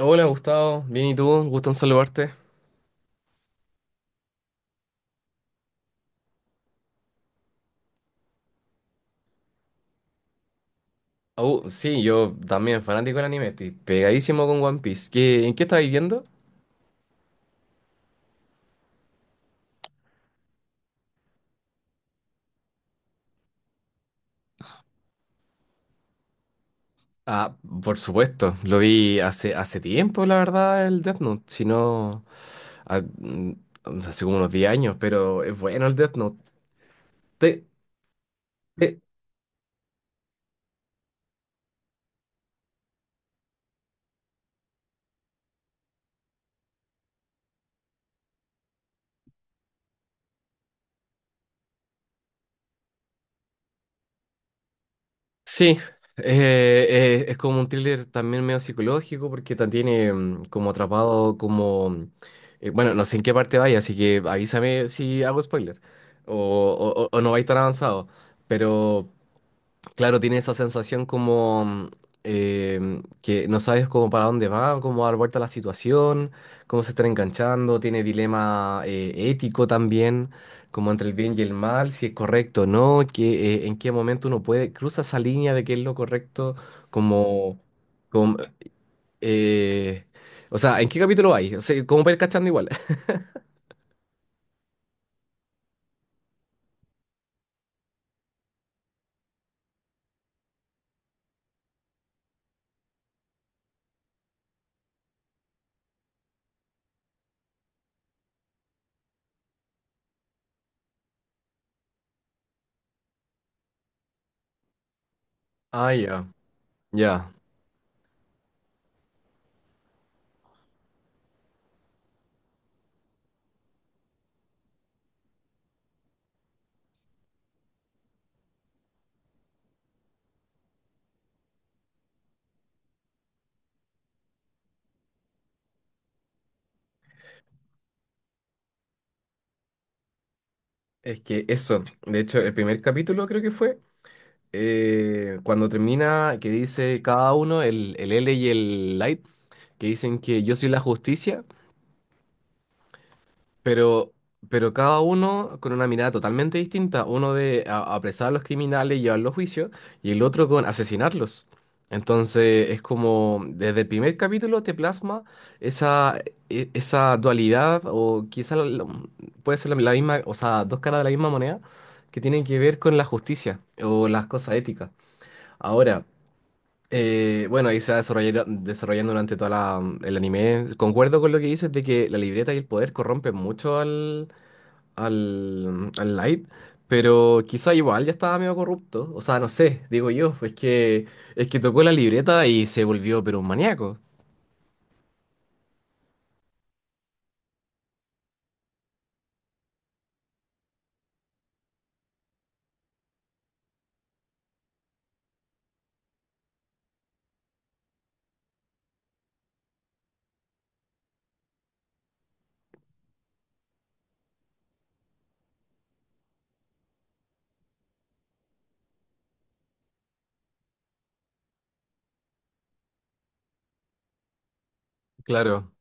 Hola Gustavo, bien y tú, gusto en saludarte. Oh, sí, yo también fanático del anime, estoy pegadísimo con One Piece. ¿Qué, en qué estáis viendo? Ah, por supuesto, lo vi hace tiempo, la verdad, el Death Note, si no, ah, mm, hace como unos 10 años, pero es bueno el Death Note. ¿Te, te- Sí, es como un thriller también medio psicológico porque tiene como atrapado, como, bueno, no sé en qué parte vaya, así que avísame si hago spoiler o no vais tan avanzado. Pero, Claro, tiene esa sensación como que no sabes cómo para dónde va, cómo dar vuelta a la situación, cómo se está enganchando, tiene dilema ético también, como entre el bien y el mal, si es correcto o no, que, en qué momento uno puede, cruza esa línea de qué es lo correcto, como, como, eh, o sea, ¿en qué capítulo hay? O sea, como para ir cachando igual. Ah, ya, ya. Es que eso, de hecho, el primer capítulo creo que fue, cuando termina, que dice cada uno, el L y el Light, que dicen que yo soy la justicia, pero, pero cada uno con una mirada totalmente distinta, uno de apresar a los criminales y llevarlos a juicio, y el otro con asesinarlos. Entonces es como, desde el primer capítulo te plasma esa, esa dualidad, o quizá puede ser la misma, o sea, dos caras de la misma moneda, que tienen que ver con la justicia o las cosas éticas. Ahora. Bueno, ahí se va desarrollando durante toda la, el anime. Concuerdo con lo que dices de que la libreta y el poder corrompen mucho al Light, pero quizá igual ya estaba medio corrupto. O sea, no sé, digo yo, pues que es que tocó la libreta y se volvió pero un maníaco. Claro.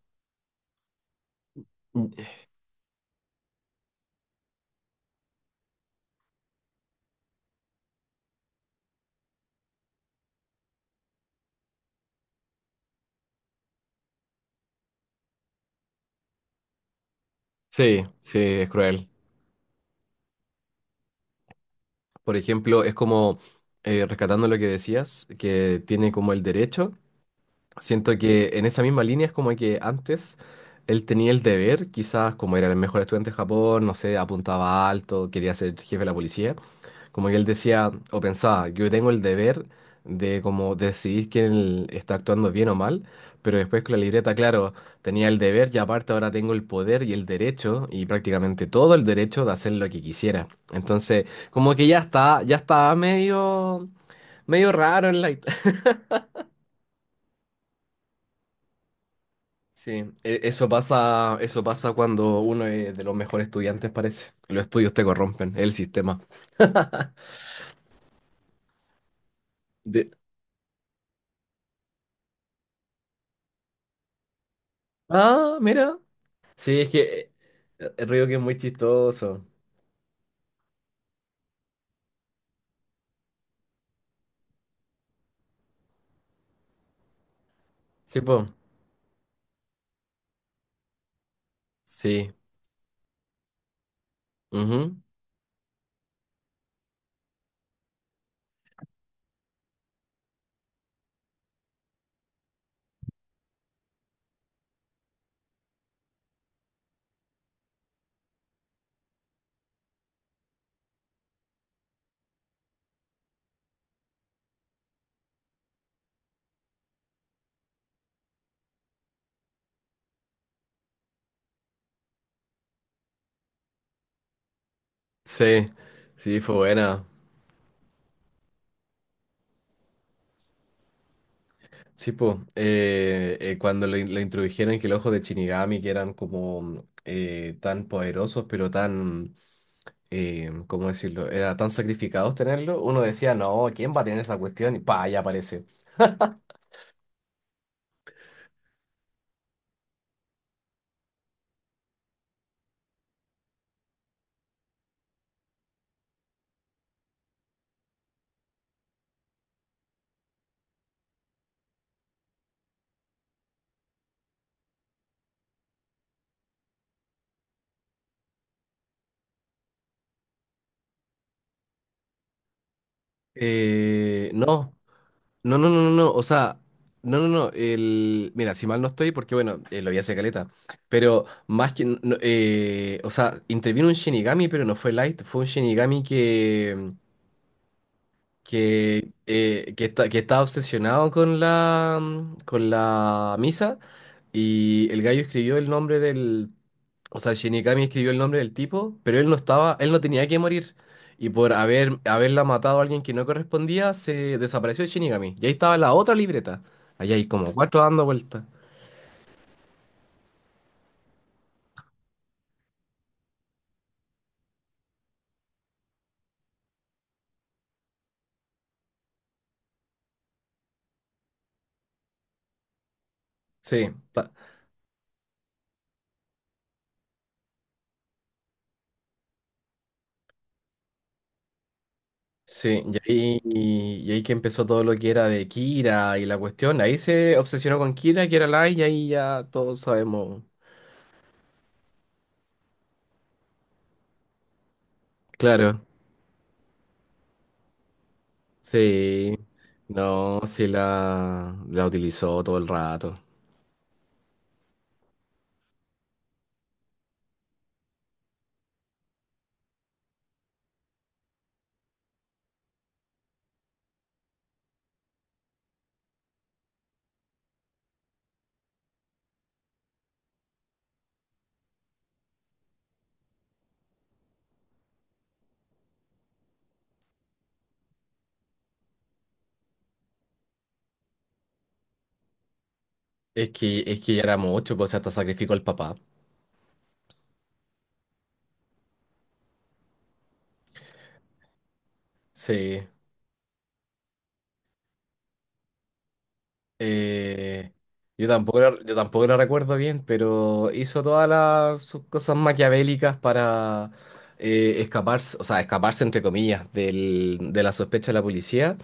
Sí, sí, es cruel. Por ejemplo, es como, rescatando lo que decías, que tiene como el derecho. Siento que en esa misma línea es como que antes él tenía el deber, quizás como era el mejor estudiante de Japón, no sé, apuntaba alto, quería ser jefe de la policía, como que él decía o pensaba, yo tengo el deber de como decidir quién está actuando bien o mal, pero después con la libreta, claro, tenía el deber y aparte ahora tengo el poder y el derecho y prácticamente todo el derecho de hacer lo que quisiera. Entonces, como que ya está, ya estaba medio, medio raro en la. Sí, eso pasa cuando uno es de los mejores estudiantes, parece. Los estudios te corrompen, el sistema. De- Ah, mira. Sí, es que el Río que es muy chistoso. Sí, po. Sí. Ujú. Sí. Sí, fue buena. Sí, po. Cuando lo introdujeron que el ojo de Shinigami, que eran como tan poderosos, pero tan, ¿cómo decirlo? Era tan sacrificados tenerlo. Uno decía, no, ¿quién va a tener esa cuestión? Y pa, ya aparece. No, no, no, no, no, no, o sea, no, no, no, mira, si mal no estoy, porque bueno, lo vi hace caleta, pero más que, no, o sea, intervino un Shinigami, pero no fue Light, fue un Shinigami que estaba obsesionado con la misa y el gallo escribió el nombre del, o sea, Shinigami escribió el nombre del tipo, pero él no estaba, él no tenía que morir. Y por haber, haberla matado a alguien que no correspondía, se desapareció el Shinigami. Y ahí estaba la otra libreta. Allá hay como cuatro dando vueltas. Sí, sí, y ahí que empezó todo lo que era de Kira y la cuestión. Ahí se obsesionó con Kira, que era Light, y ahí ya todos sabemos. Claro, sí. No, sí la utilizó todo el rato. Es que ya era mucho, pues o sea, hasta sacrificó al papá. Sí. Eh, yo tampoco la recuerdo bien, pero hizo todas las sus cosas maquiavélicas para escaparse, o sea, escaparse entre comillas del, de la sospecha de la policía.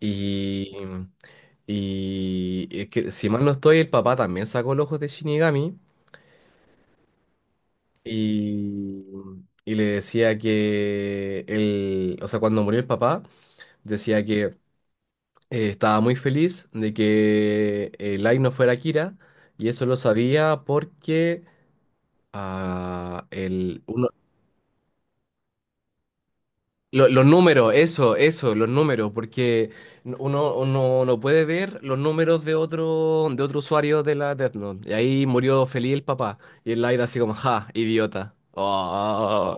Y, y es que si mal no estoy, el papá también sacó los ojos de Shinigami. Y y le decía que él, o sea, cuando murió el papá, decía que estaba muy feliz de que Light no fuera Kira, y eso lo sabía porque ah, el, uno, los números, eso, los números, porque uno no puede ver los números de otro usuario de la Death Note. Y ahí murió feliz el papá, y el Light así como, ja, idiota. Oh.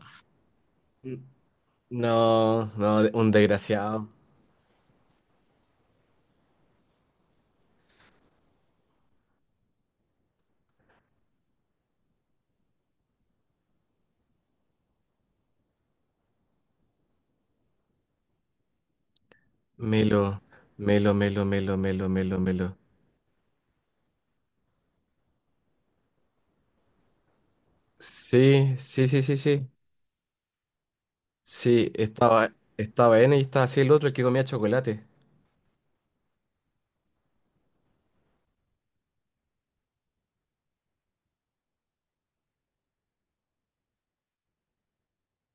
No, no, un desgraciado. Melo, melo, melo, melo, melo, melo, melo. Sí, sí, sí, sí, sí. Sí, estaba N y estaba así el otro el que comía chocolate.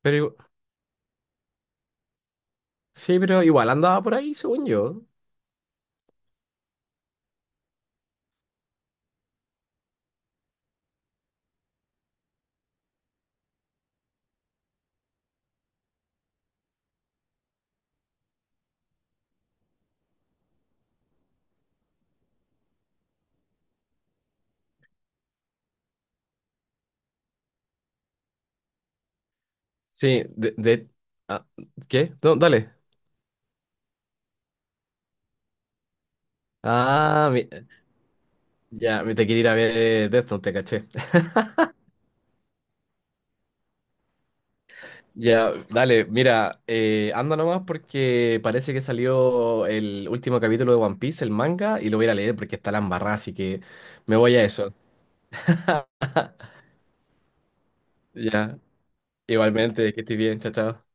Pero igu- sí, pero igual andaba por ahí, según yo. Sí, ah, ¿qué? No, dale. Ah, mi- ya, me te quiere ir a ver de esto, te caché. Ya, dale, mira, anda nomás porque parece que salió el último capítulo de One Piece, el manga, y lo voy a ir a leer porque está la embarrada, así que me voy a eso. Ya, igualmente, que estés bien, chao, chao.